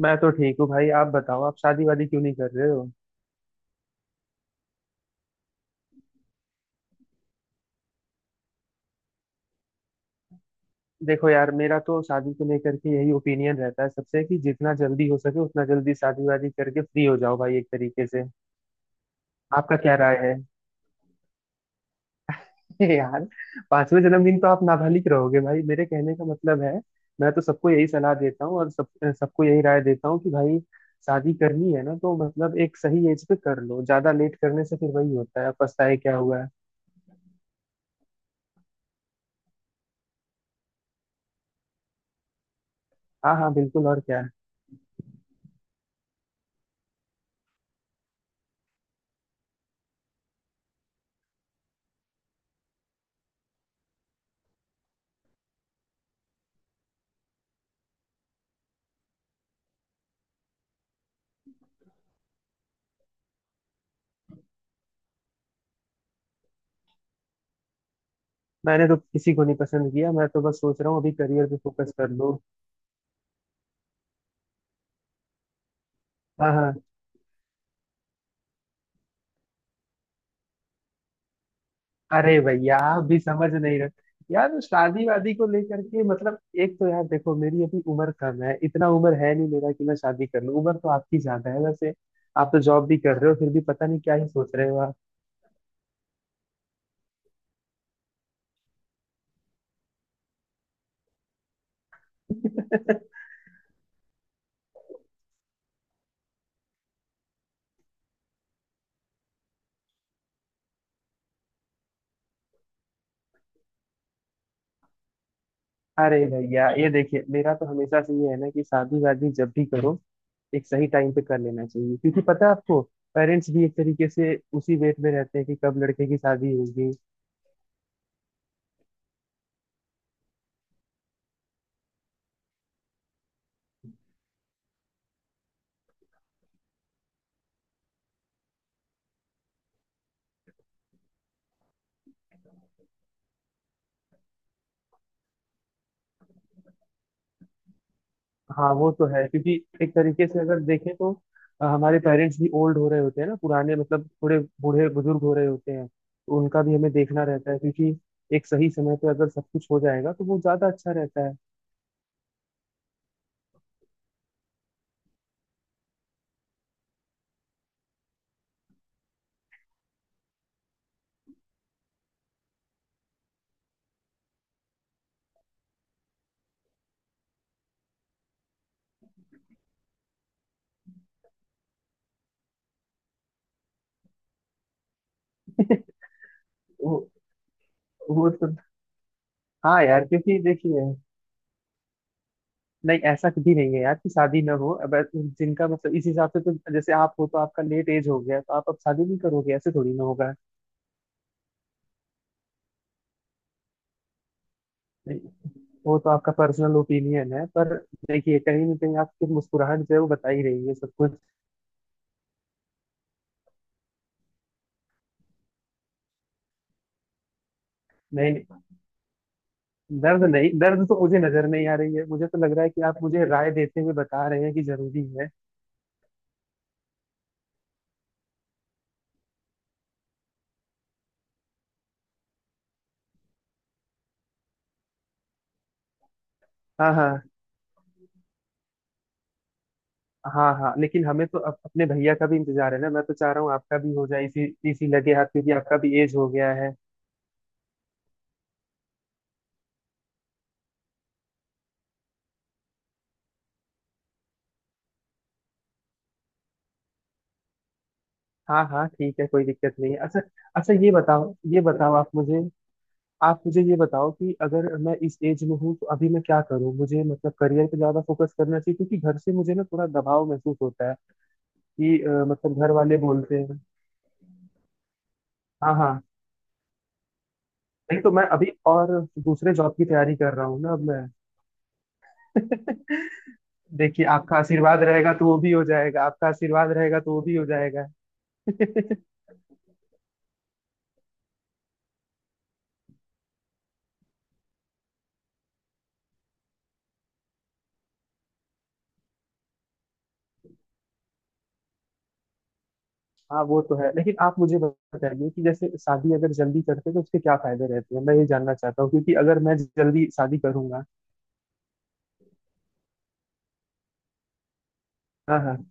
मैं तो ठीक हूँ भाई। आप बताओ, आप शादी वादी क्यों नहीं कर रहे हो। देखो यार, मेरा तो शादी को लेकर के यही ओपिनियन रहता है सबसे, कि जितना जल्दी हो सके उतना जल्दी शादी वादी करके फ्री हो जाओ भाई, एक तरीके से। आपका क्या राय है। यार, पांचवें जन्मदिन तो आप नाबालिग रहोगे भाई, मेरे कहने का मतलब है। मैं तो सबको यही सलाह देता हूँ और सब सबको यही राय देता हूँ कि भाई, शादी करनी है ना तो मतलब एक सही एज पे कर लो। ज्यादा लेट करने से फिर वही होता है, पछताए क्या हुआ है। हाँ हाँ, बिल्कुल, और क्या। मैंने तो किसी को नहीं पसंद किया, मैं तो बस सोच रहा हूँ अभी करियर पे फोकस कर लूँ। हाँ हाँ। अरे भैया, आप भी समझ नहीं रहे। यार शादी वादी को लेकर के, मतलब एक तो यार देखो मेरी अभी उम्र कम है, इतना उम्र है नहीं मेरा कि मैं शादी कर लूँ। उम्र तो आपकी ज्यादा है वैसे। आप तो जॉब भी कर रहे हो, फिर भी पता नहीं क्या ही सोच रहे हो आप। अरे भैया ये देखिए, मेरा तो हमेशा से ये है ना कि शादी वादी जब भी करो, एक सही टाइम पे कर लेना चाहिए। क्योंकि पता है आपको, पेरेंट्स भी एक तरीके से उसी वेट में रहते हैं कि कब लड़के की शादी होगी। हाँ वो तो है, क्योंकि एक तरीके से अगर देखें तो हमारे पेरेंट्स भी ओल्ड हो रहे होते हैं ना, पुराने, मतलब थोड़े बूढ़े बुजुर्ग हो रहे होते हैं। तो उनका भी हमें देखना रहता है, क्योंकि एक सही समय पे अगर सब कुछ हो जाएगा तो वो ज्यादा अच्छा रहता है। वो वो तो। हाँ यार, क्योंकि देखिए नहीं, ऐसा कभी नहीं है यार कि शादी ना हो। अब ऐसे जिनका मतलब, इस हिसाब से तो जैसे आप हो तो आपका लेट एज हो गया तो आप अब शादी नहीं करोगे, ऐसे थोड़ी ना होगा। वो तो आपका पर्सनल ओपिनियन है, पर देखिए कहीं ना कहीं आपकी मुस्कुराहट जो है वो बता ही रही है सब कुछ। नहीं, दर्द नहीं। दर्द तो मुझे नजर नहीं आ रही है, मुझे तो लग रहा है कि आप मुझे राय देते हुए बता रहे हैं कि जरूरी है। हाँ हाँ। हाँ हाँ, लेकिन हमें तो अपने भैया का भी इंतजार है ना। मैं तो चाह रहा हूँ आपका भी हो जाए इसी, इसी लगे हाथ, क्योंकि आपका भी एज हो गया है। हाँ हाँ ठीक है, कोई दिक्कत नहीं है। अच्छा अच्छा, ये बताओ आप मुझे, आप मुझे ये बताओ कि अगर मैं इस एज में हूँ तो अभी मैं क्या करूँ मुझे। मतलब करियर पे ज्यादा फोकस करना चाहिए, क्योंकि घर से मुझे ना थोड़ा दबाव महसूस होता है कि मतलब घर वाले बोलते हैं। हाँ हाँ, नहीं तो मैं अभी और दूसरे जॉब की तैयारी कर रहा हूँ ना अब मैं। देखिए, आपका आशीर्वाद रहेगा तो वो भी हो जाएगा, आपका आशीर्वाद रहेगा तो वो भी हो जाएगा। हाँ वो तो है, लेकिन आप मुझे बताइए कि जैसे शादी अगर जल्दी करते हैं तो उसके क्या फायदे रहते हैं। मैं ये जानना चाहता हूँ, क्योंकि अगर मैं जल्दी शादी करूंगा। हाँ हाँ।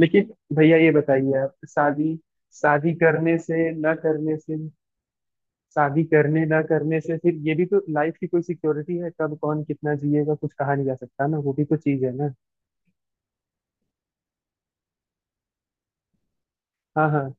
लेकिन भैया ये बताइए, आप शादी, शादी करने से ना करने से, शादी करने ना करने से फिर ये भी तो लाइफ की कोई सिक्योरिटी है, कब कौन कितना जिएगा कुछ कहा नहीं जा सकता ना। वो भी तो चीज है ना। हाँ हाँ।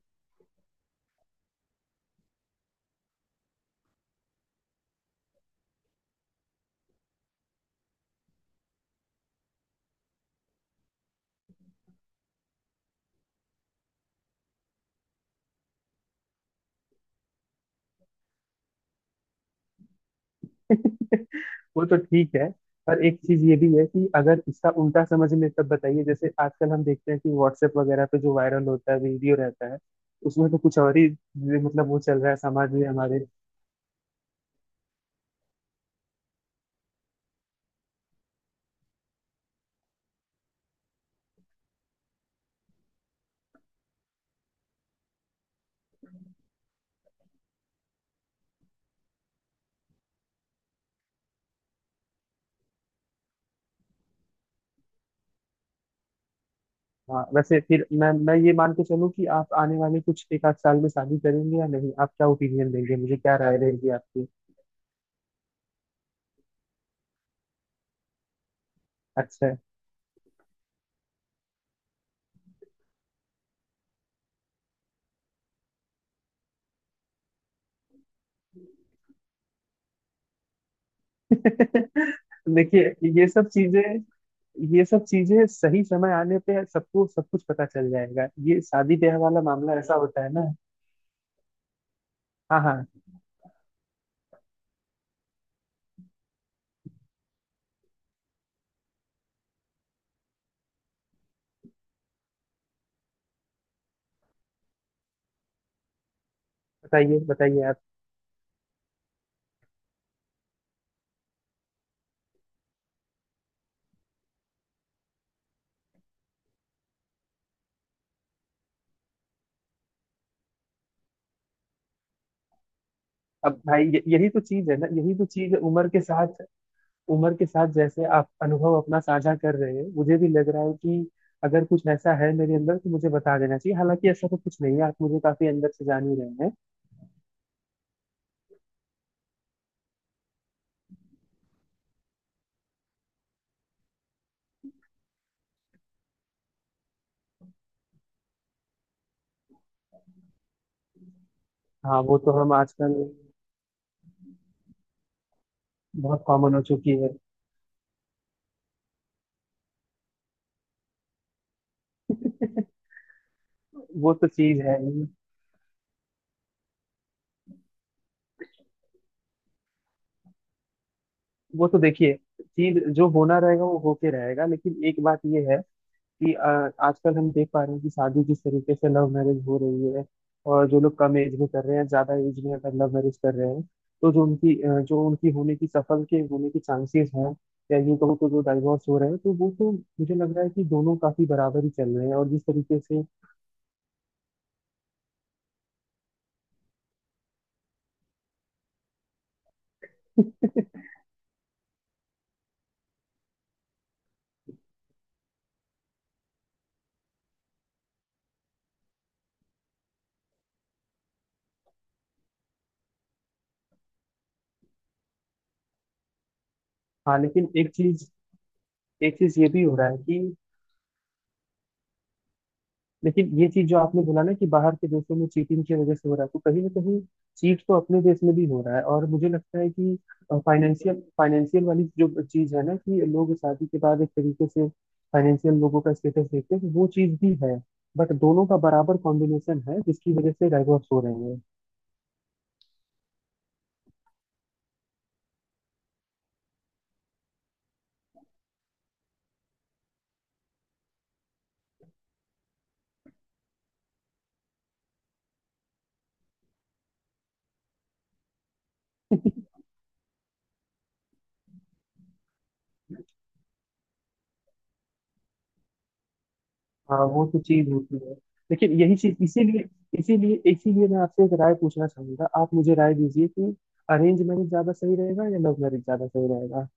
वो तो ठीक है। पर एक चीज ये भी है कि अगर इसका उल्टा समझ में तब बताइए, जैसे आजकल हम देखते हैं कि व्हाट्सएप वगैरह पे जो वायरल होता है वीडियो रहता है, उसमें तो कुछ और ही, मतलब वो चल रहा है समाज में हमारे। हाँ, वैसे फिर मैं ये मान के चलूँ कि आप आने वाले कुछ एक आध साल में शादी करेंगे या नहीं? आप क्या ओपिनियन देंगे, मुझे क्या राय रहेगी आपकी? अच्छा है। देखिए ये सब चीजें, ये सब चीजें सही समय आने पे सबको सब कुछ पता चल जाएगा। ये शादी ब्याह वाला मामला ऐसा होता है ना। हाँ हाँ, बताइए बताइए आप। अब भाई यही तो चीज है ना, यही तो चीज है उम्र के साथ। उम्र के साथ जैसे आप अनुभव अपना साझा कर रहे हैं, मुझे भी लग रहा है कि अगर कुछ ऐसा है मेरे अंदर तो मुझे बता देना चाहिए। हालांकि ऐसा तो कुछ नहीं है, आप मुझे काफी अंदर से जान ही रहे हैं। हाँ वो तो हम आजकल बहुत कॉमन हो चुकी है। वो तो चीज है ही। वो तो देखिए चीज जो होना रहेगा वो होके रहेगा, लेकिन एक बात ये है कि आजकल हम देख पा रहे हैं कि शादी जिस तरीके से लव मैरिज हो रही है, और जो लोग कम एज में कर रहे हैं, ज्यादा एज में अगर लव मैरिज कर रहे हैं, तो जो उनकी जो उनकी होने की सफल के होने की चांसेस हैं, या यूं कहो तो जो डाइवोर्स हो रहे हैं, तो वो तो मुझे लग रहा है कि दोनों काफी बराबर ही चल रहे हैं और जिस तरीके से। हाँ लेकिन एक चीज, एक चीज ये भी हो रहा है कि लेकिन ये चीज जो आपने बोला ना कि बाहर के देशों में चीटिंग की वजह से हो रहा है, तो कहीं ना कहीं चीट तो अपने देश में भी हो रहा है। और मुझे लगता है कि फाइनेंशियल फाइनेंशियल वाली जो चीज है ना, कि लोग शादी के बाद एक तरीके से फाइनेंशियल लोगों का स्टेटस देखते हैं, तो वो चीज भी है। बट दोनों का बराबर कॉम्बिनेशन है जिसकी वजह से डाइवोर्स हो रहे हैं। हाँ वो तो चीज होती है। लेकिन यही चीज, इसीलिए इसीलिए इसीलिए मैं आपसे एक राय पूछना चाहूंगा। आप मुझे राय दीजिए कि अरेंज मैरिज ज्यादा सही रहेगा या लव मैरिज ज्यादा सही रहेगा।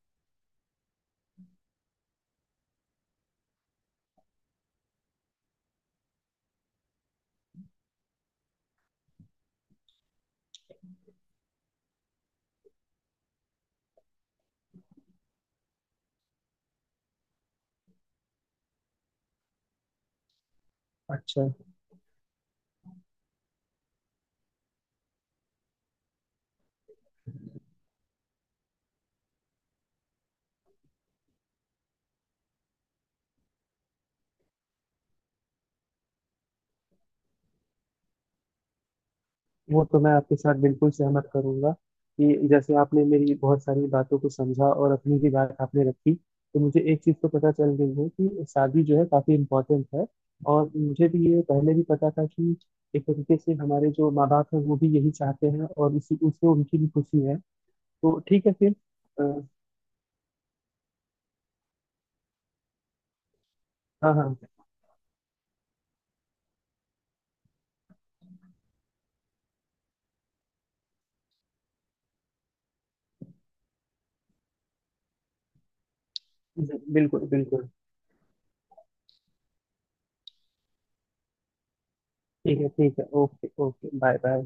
अच्छा। वो तो मैं आपके साथ बिल्कुल सहमत करूंगा कि जैसे आपने मेरी बहुत सारी बातों को समझा और अपनी भी बात आपने रखी, तो मुझे एक चीज़ तो पता चल गई है कि शादी जो है काफ़ी इम्पोर्टेंट है। और मुझे भी ये पहले भी पता था कि एक तरीके से हमारे जो माँ बाप हैं वो भी यही चाहते हैं और इसी उससे उनकी भी खुशी है। तो ठीक है फिर। अ, हाँ हाँ, बिल्कुल बिल्कुल। ठीक है ठीक है, ओके ओके, बाय बाय।